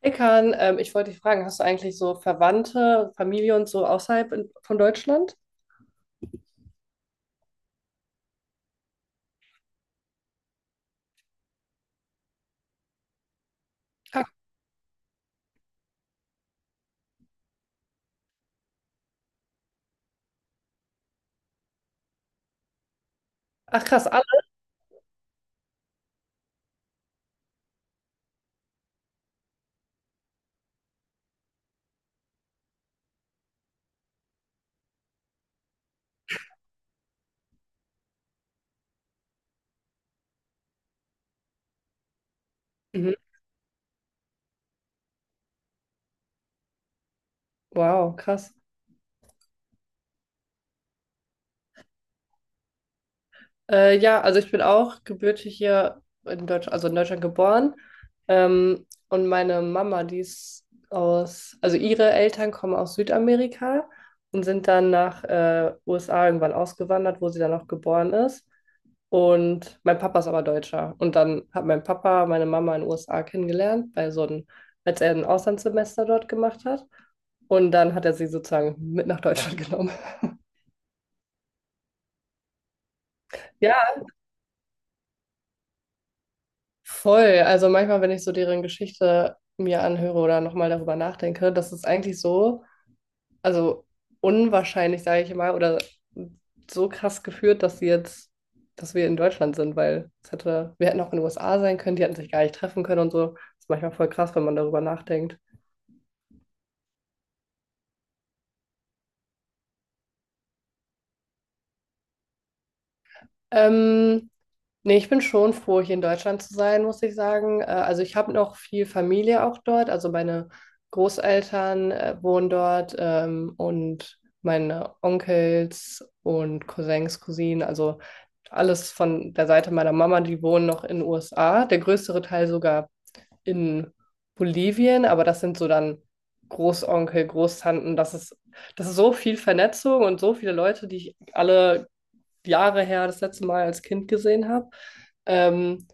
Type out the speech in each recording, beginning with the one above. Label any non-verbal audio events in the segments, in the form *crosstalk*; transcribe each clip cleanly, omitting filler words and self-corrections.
Ekan, ich wollte dich fragen, hast du eigentlich so Verwandte, Familie und so außerhalb in, von Deutschland? Ja. Ach krass, alle. Mhm. Wow, krass. Ja, also ich bin auch gebürtig hier in Deutschland, also in Deutschland geboren. Und meine Mama, die ist aus, also ihre Eltern kommen aus Südamerika und sind dann nach USA irgendwann ausgewandert, wo sie dann auch geboren ist. Und mein Papa ist aber Deutscher. Und dann hat mein Papa meine Mama in den USA kennengelernt, bei so einem, als er ein Auslandssemester dort gemacht hat. Und dann hat er sie sozusagen mit nach Deutschland *laughs* genommen. Ja, voll. Also manchmal, wenn ich so deren Geschichte mir anhöre oder nochmal darüber nachdenke, das ist eigentlich so, also unwahrscheinlich, sage ich mal, oder so krass geführt, dass sie jetzt, dass wir in Deutschland sind, weil es hätte, wir hätten auch in den USA sein können, die hätten sich gar nicht treffen können und so. Das ist manchmal voll krass, wenn man darüber nachdenkt. Ähm, Nee, ich bin schon froh, hier in Deutschland zu sein, muss ich sagen. Also ich habe noch viel Familie auch dort. Also meine Großeltern wohnen dort, und meine Onkels und Cousins, Cousinen, also alles von der Seite meiner Mama, die wohnen noch in den USA. Der größere Teil sogar in Bolivien, aber das sind so dann Großonkel, Großtanten. Das ist so viel Vernetzung und so viele Leute, die ich alle Jahre her das letzte Mal als Kind gesehen habe. Ähm,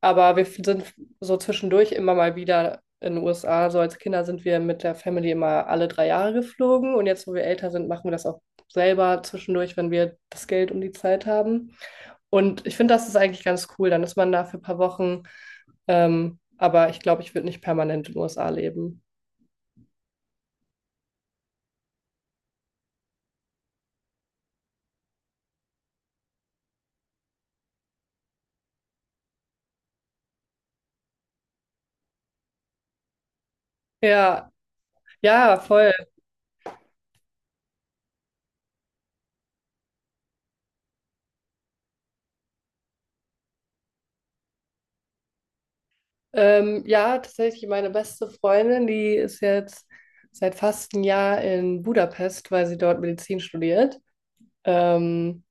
aber wir sind so zwischendurch immer mal wieder in den USA. So als Kinder sind wir mit der Family immer alle 3 Jahre geflogen. Und jetzt, wo wir älter sind, machen wir das auch selber zwischendurch, wenn wir das Geld und die Zeit haben. Und ich finde, das ist eigentlich ganz cool. Dann ist man da für ein paar Wochen. Aber ich glaube, ich würde nicht permanent in den USA leben. Ja, ja, voll. Ja, tatsächlich meine beste Freundin, die ist jetzt seit fast einem Jahr in Budapest, weil sie dort Medizin studiert. Ähm,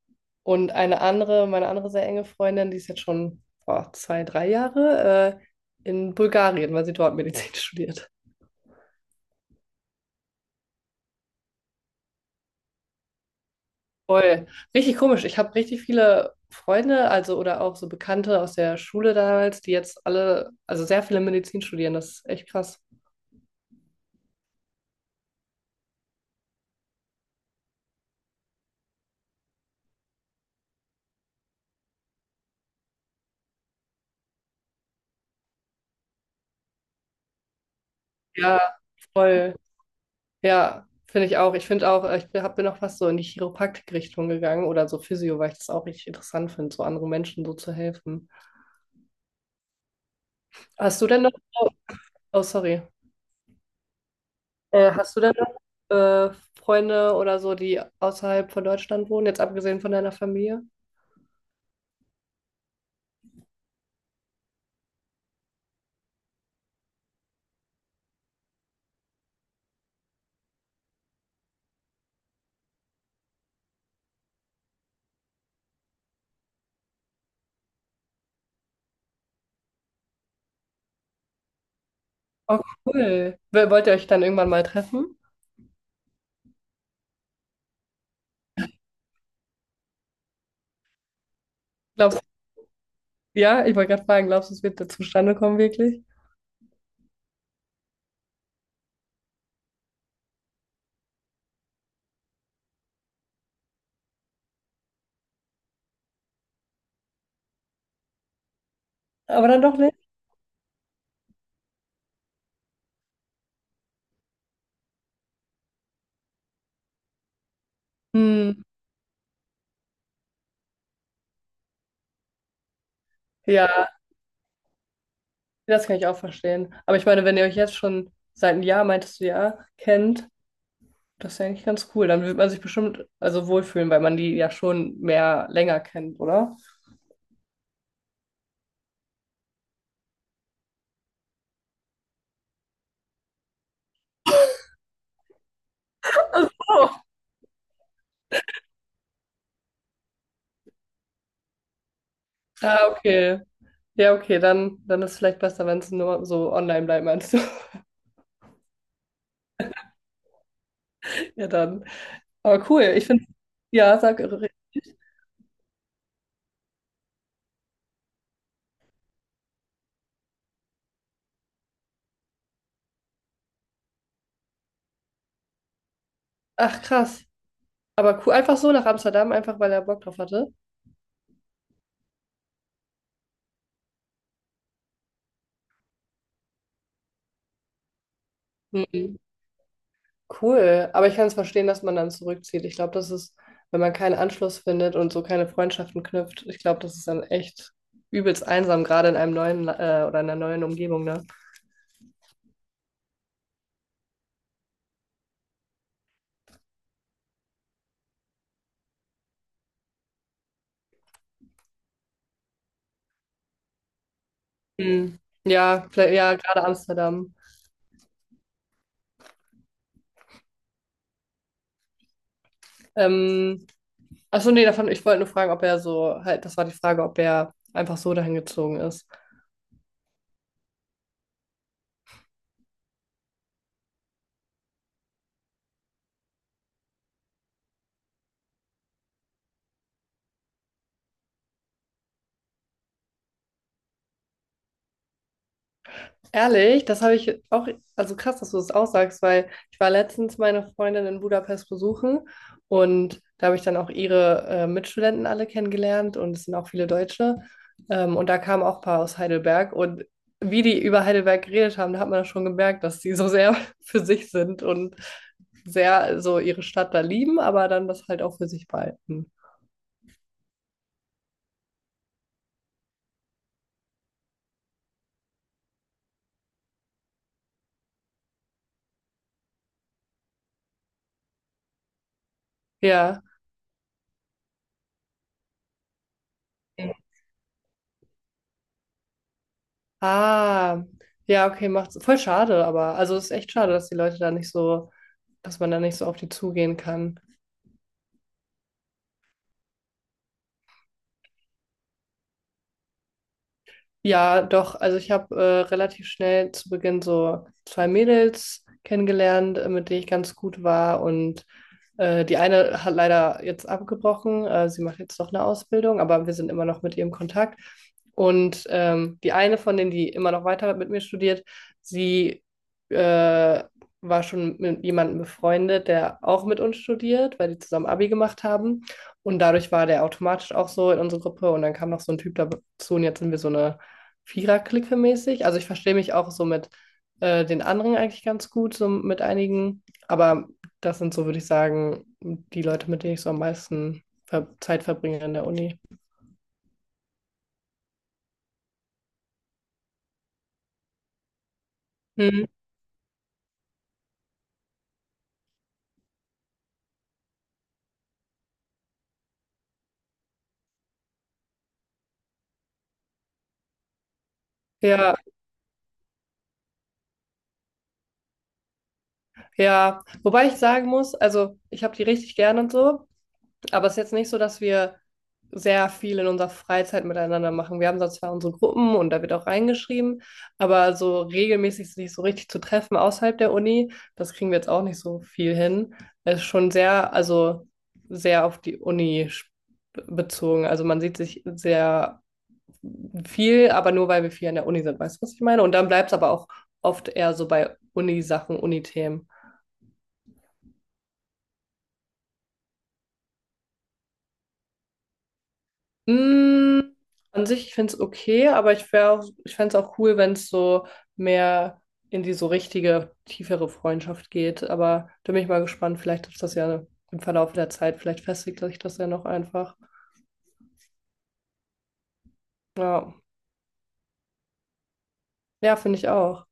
und eine andere, meine andere sehr enge Freundin, die ist jetzt schon, boah, zwei, drei Jahre in Bulgarien, weil sie dort Medizin *laughs* studiert. Voll. Richtig komisch. Ich habe richtig viele Freunde, also oder auch so Bekannte aus der Schule damals, die jetzt alle, also sehr viele Medizin studieren. Das ist echt krass. Ja, voll. Ja, finde ich auch. Ich finde auch, ich bin, hab, bin auch fast so in die Chiropraktik-Richtung gegangen oder so Physio, weil ich das auch richtig interessant finde, so anderen Menschen so zu helfen. Hast du denn noch, oh, oh, sorry, hast du denn noch Freunde oder so, die außerhalb von Deutschland wohnen, jetzt abgesehen von deiner Familie? Oh, cool. Wollt ihr euch dann irgendwann mal treffen? Glaubst du, ja, ich wollte gerade fragen, glaubst du, es wird da zustande kommen, wirklich? Aber dann doch nicht? Hm, ja, das kann ich auch verstehen. Aber ich meine, wenn ihr euch jetzt schon seit einem Jahr, meintest du ja, kennt, das ist ja eigentlich ganz cool. Dann wird man sich bestimmt also wohlfühlen, weil man die ja schon mehr länger kennt, oder? Oh. Ah, okay. Ja, okay, dann, dann ist es vielleicht besser, wenn es nur so online bleibt, meinst du? *laughs* Ja, dann. Aber cool, ich finde, ja, sag, ach krass. Aber cool, einfach so nach Amsterdam, einfach weil er Bock drauf hatte. Mhm. Cool, aber ich kann es verstehen, dass man dann zurückzieht. Ich glaube, das ist, wenn man keinen Anschluss findet und so keine Freundschaften knüpft, ich glaube, das ist dann echt übelst einsam, gerade in einem neuen, oder in einer neuen Umgebung, ne? Hm. Ja, vielleicht, ja, gerade Amsterdam. Ähm, Achso, nee, davon, ich wollte nur fragen, ob er so, halt, das war die Frage, ob er einfach so dahin gezogen ist. Ehrlich, das habe ich auch, also krass, dass du das auch sagst, weil ich war letztens meine Freundin in Budapest besuchen und da habe ich dann auch ihre Mitstudenten alle kennengelernt und es sind auch viele Deutsche. Und da kamen auch ein paar aus Heidelberg und wie die über Heidelberg geredet haben, da hat man das schon gemerkt, dass die so sehr *laughs* für sich sind und sehr so ihre Stadt da lieben, aber dann das halt auch für sich behalten. Ja. Ah, ja, okay, macht's voll schade, aber also es ist echt schade, dass die Leute da nicht so, dass man da nicht so auf die zugehen kann. Ja, doch, also ich habe relativ schnell zu Beginn so zwei Mädels kennengelernt, mit denen ich ganz gut war und die eine hat leider jetzt abgebrochen. Sie macht jetzt noch eine Ausbildung, aber wir sind immer noch mit ihr im Kontakt. Und die eine von denen, die immer noch weiter mit mir studiert, sie äh, war schon mit jemandem befreundet, der auch mit uns studiert, weil die zusammen Abi gemacht haben. Und dadurch war der automatisch auch so in unsere Gruppe. Und dann kam noch so ein Typ dazu und jetzt sind wir so eine Vierer-Clique mäßig. Also ich verstehe mich auch so mit den anderen eigentlich ganz gut, so mit einigen. Aber das sind so, würde ich sagen, die Leute, mit denen ich so am meisten ver Zeit verbringe an der Uni. Hm. Ja, ja. Wobei ich sagen muss, also ich habe die richtig gern und so, aber es ist jetzt nicht so, dass wir sehr viel in unserer Freizeit miteinander machen. Wir haben da zwar unsere Gruppen und da wird auch reingeschrieben, aber so regelmäßig sich so richtig zu treffen außerhalb der Uni, das kriegen wir jetzt auch nicht so viel hin. Es ist schon sehr, also sehr auf die Uni bezogen. Also man sieht sich sehr viel, aber nur weil wir viel an der Uni sind, weißt du, was ich meine? Und dann bleibt es aber auch oft eher so bei Uni-Sachen, Uni-Themen. Mm, an sich, ich finde es okay, aber ich wäre auch, ich fände es auch cool, wenn es so mehr in die so richtige, tiefere Freundschaft geht. Aber da bin ich mal gespannt. Vielleicht ist das ja im Verlauf der Zeit, vielleicht festigt sich das ja noch einfach. Ja, ja, finde ich auch.